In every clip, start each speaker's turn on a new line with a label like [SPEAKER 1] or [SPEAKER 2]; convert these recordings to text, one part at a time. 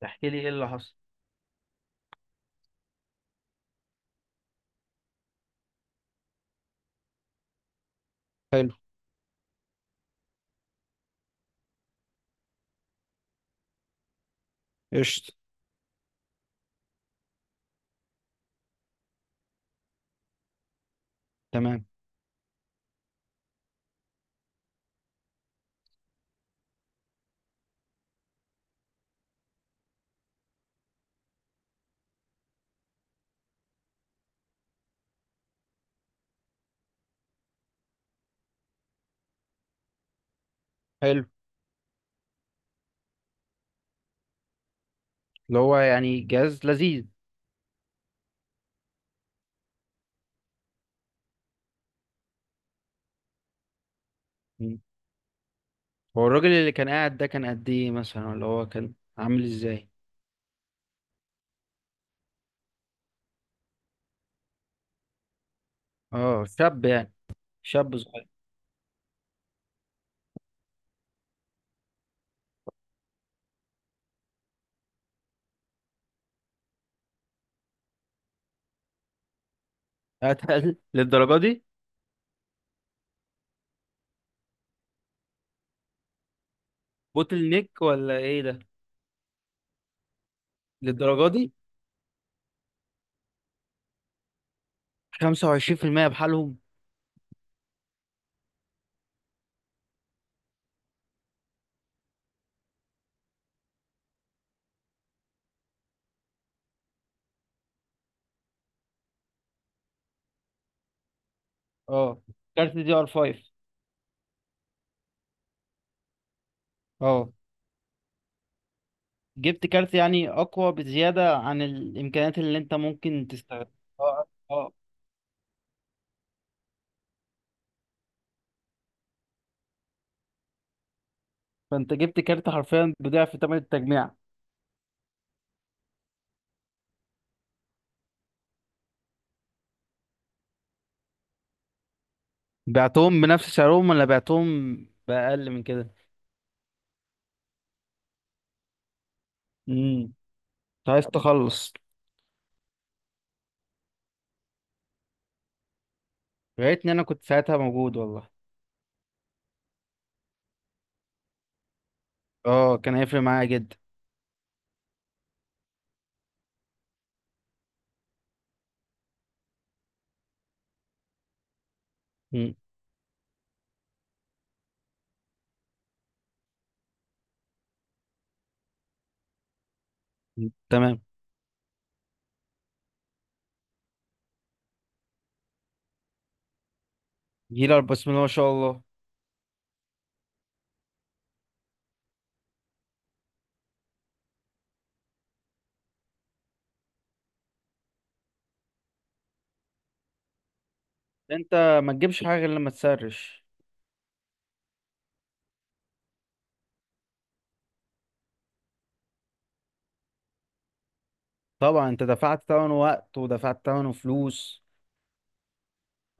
[SPEAKER 1] تحكي لي ايه اللي حصل؟ حلو. قشطة. تمام. حلو. اللي هو يعني جهاز لذيذ. مم. هو الراجل اللي كان قاعد ده كان قد ايه مثلا، ولا هو كان عامل ازاي؟ اه، شاب يعني. شاب صغير. اتقل للدرجة دي؟ بوتل نيك ولا ايه ده؟ للدرجة دي؟ 25% بحالهم؟ اه، كارت دي ار 5. اه، جبت كارت يعني اقوى بزيادة عن الامكانيات اللي انت ممكن تستخدمها. اه اه آه. فانت جبت كارت حرفيا بضعف ثمن التجميع. بعتهم بنفس سعرهم، ولا بعتهم بأقل من كده؟ امم. انت عايز تخلص. يا ريتني انا كنت ساعتها موجود والله. اه، كان هيفرق معايا جدا. مم. تمام. جيلر، بسم الله ما شاء الله. انت ما تجيبش حاجه غير لما تسرش. طبعا انت دفعت ثمن وقت ودفعت ثمن فلوس.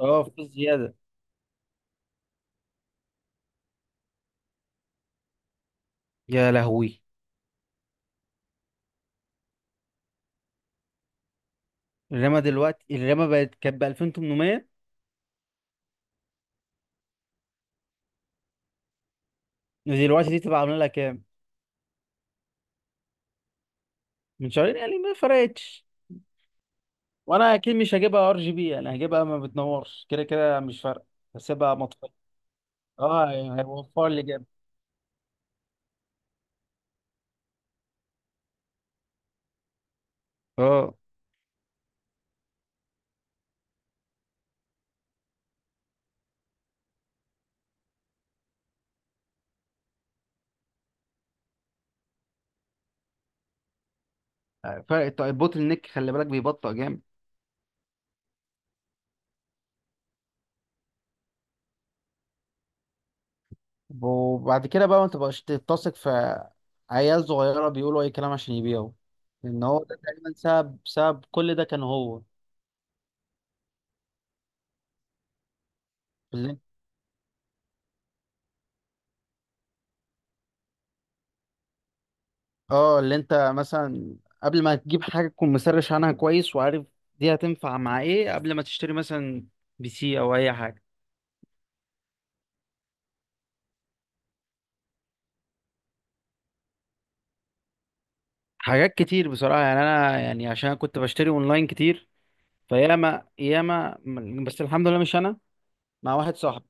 [SPEAKER 1] اه، فلوس زياده. يا لهوي. الرما دلوقتي، الرما بقت كانت ب 2800؟ ودلوقتي دي تبقى عامله لها كام؟ من شهرين يعني ما فرقتش. وانا اكيد مش هجيبها ار جي بي، انا هجيبها ما بتنورش كده كده مش فارقه. هسيبها مطفيه. اه يعني هيوفر لي جامد. اه، فرق البوتل نيك خلي بالك بيبطئ جامد. وبعد كده بقى ما تبقاش تتسق في عيال صغيره بيقولوا اي كلام عشان يبيعوا. لان هو ده تقريبا سبب سبب كل ده كان هو. اللي انت اه اللي انت مثلا قبل ما تجيب حاجه تكون مسرش عنها كويس وعارف دي هتنفع مع ايه قبل ما تشتري مثلا بي سي او اي حاجه. حاجات كتير بصراحة، يعني أنا يعني عشان كنت بشتري أونلاين كتير. فياما ياما. بس الحمد لله مش أنا، مع واحد صاحبي.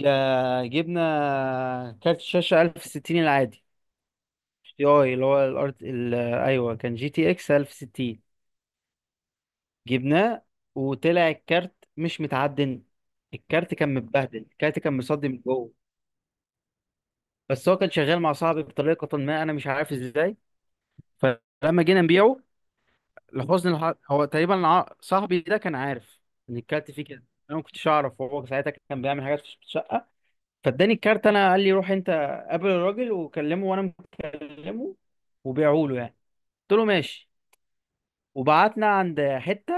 [SPEAKER 1] جبنا كارت شاشة 1060 العادي، تي أي. اللي هو الأرت أيوه، كان جي تي إكس 1060. جبناه، وطلع الكارت مش متعدل. الكارت كان متبهدل، الكارت كان مصدي من جوه. بس هو كان شغال مع صاحبي بطريقة ما أنا مش عارف إزاي. فلما جينا نبيعه، لحسن الحظ هو تقريبا صاحبي ده كان عارف ان الكارت فيه كده. انا ما كنتش اعرف، وهو ساعتها كان بيعمل حاجات في الشقه. فاداني الكارت انا، قال لي روح انت قابل الراجل وكلمه، وانا مكلمه، وبيعوا له يعني. قلت له ماشي. وبعتنا عند حته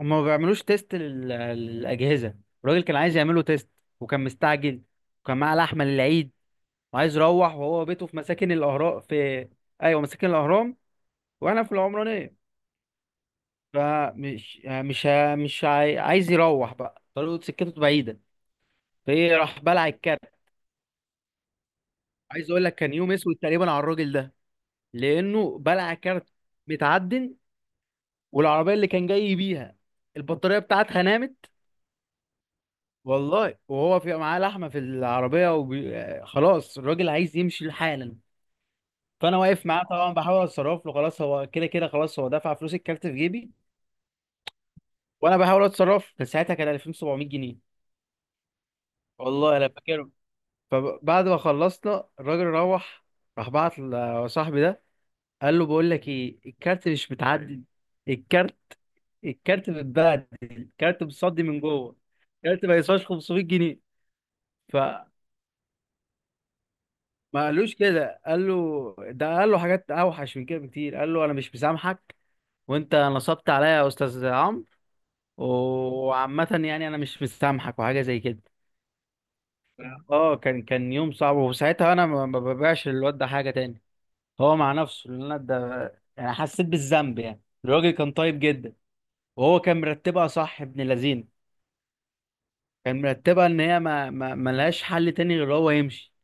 [SPEAKER 1] هم ما بيعملوش تيست للاجهزه. الراجل كان عايز يعمله تيست، وكان مستعجل، وكان معاه لحمه للعيد وعايز يروح، وهو بيته في مساكن الاهرام في، ايوه، مساكن الاهرام. واحنا في العمرانيه. فمش يعني مش ه- مش عاي- عايز يروح، بقى طريقه سكته بعيده. فايه، راح بلع الكارت. عايز اقول لك كان يوم اسود تقريبا على الراجل ده. لانه بلع كارت متعدن، والعربيه اللي كان جاي بيها البطاريه بتاعتها نامت. والله، وهو في معاه لحمه في العربيه وبي... آه، خلاص الراجل عايز يمشي حالا. فانا واقف معاه طبعا بحاول اتصرف له. خلاص هو كده كده، خلاص هو دفع فلوس الكارت في جيبي وانا بحاول اتصرف له. كان ساعتها كان 2700 جنيه، والله انا فاكر. فبعد ما خلصنا الراجل روح، راح بعت لصاحبي ده قال له بقول لك ايه، الكارت مش متعدل. الكارت الكارت متبهدل، الكارت متصدي من جوه. الكارت ما يسواش 500 جنيه. فما قالوش كده. قال له ده، قال له حاجات اوحش من كده بكتير، قال له انا مش مسامحك، وانت نصبت عليا يا استاذ عمرو. وعامة يعني انا مش مسامحك وحاجه زي كده. اه، كان يوم صعب. وساعتها انا ما ببيعش للواد ده حاجه تاني. هو مع نفسه، لان انا ده يعني حسيت بالذنب. يعني الراجل كان طيب جدا، وهو كان مرتبها صح ابن لذينه. كان مرتبها ان هي ما لهاش حل تاني غير هو يمشي.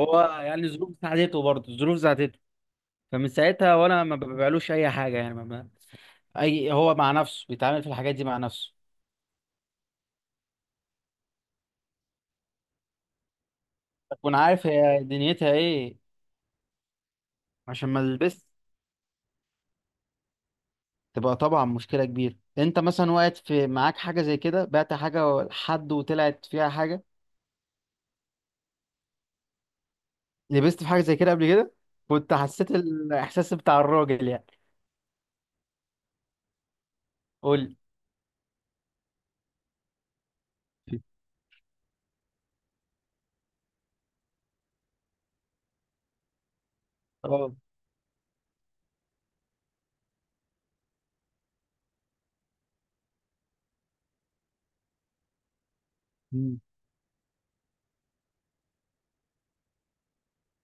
[SPEAKER 1] هو يعني الظروف ساعدته، برضه الظروف ساعدته. فمن ساعتها وانا ما ببيعلوش اي حاجه يعني ما ما اي، هو مع نفسه بيتعامل في الحاجات دي مع نفسه. اكون عارف هي دنيتها ايه عشان ما البس. تبقى طبعا مشكله كبيره. انت مثلا وقعت في معاك حاجه زي كده، بعت حاجه لحد وطلعت فيها حاجه. لبست في حاجه زي كده قبل كده. كنت حسيت الاحساس بتاع الراجل يعني. قول لي. اه. مم.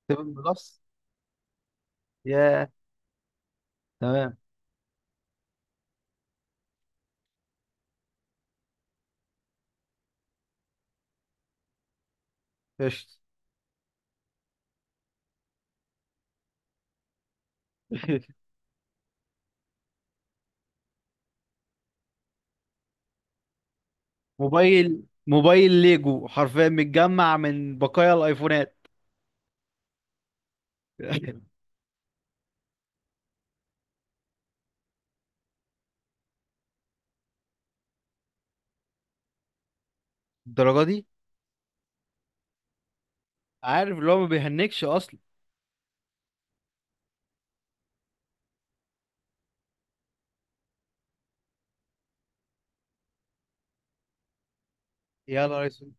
[SPEAKER 1] تمام بلس. يا. تمام. قشطة. موبايل ليجو حرفيا متجمع من بقايا الايفونات. الدرجه دي؟ عارف اللي هو ما بيهنكش اصلا. يا نهار اسود.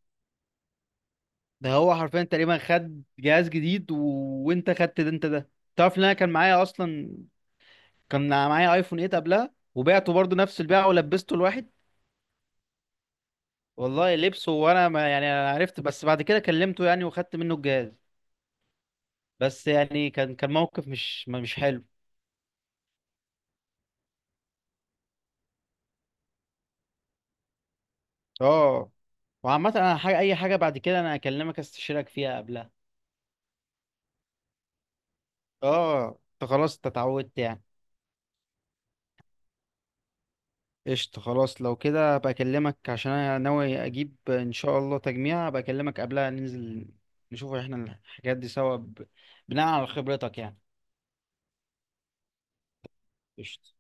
[SPEAKER 1] ده هو حرفيا تقريبا خد جهاز جديد وانت خدت ده، انت ده تعرف ان انا كان معايا اصلا. كان معايا ايفون 8 قبلها، وبعته برضه نفس البيعه ولبسته. والله لبسه، وانا ما، يعني انا عرفت بس بعد كده كلمته يعني وخدت منه الجهاز. بس يعني كان موقف مش حلو. اه. وعامة انا حاجة، اي حاجة بعد كده انا اكلمك استشيرك فيها قبلها. اه، انت خلاص، انت اتعودت يعني. قشطة. خلاص، لو كده هبقى اكلمك عشان انا ناوي اجيب ان شاء الله تجميع، هبقى اكلمك قبلها ننزل نشوف احنا الحاجات دي سوا بناء على خبرتك يعني. قشطة.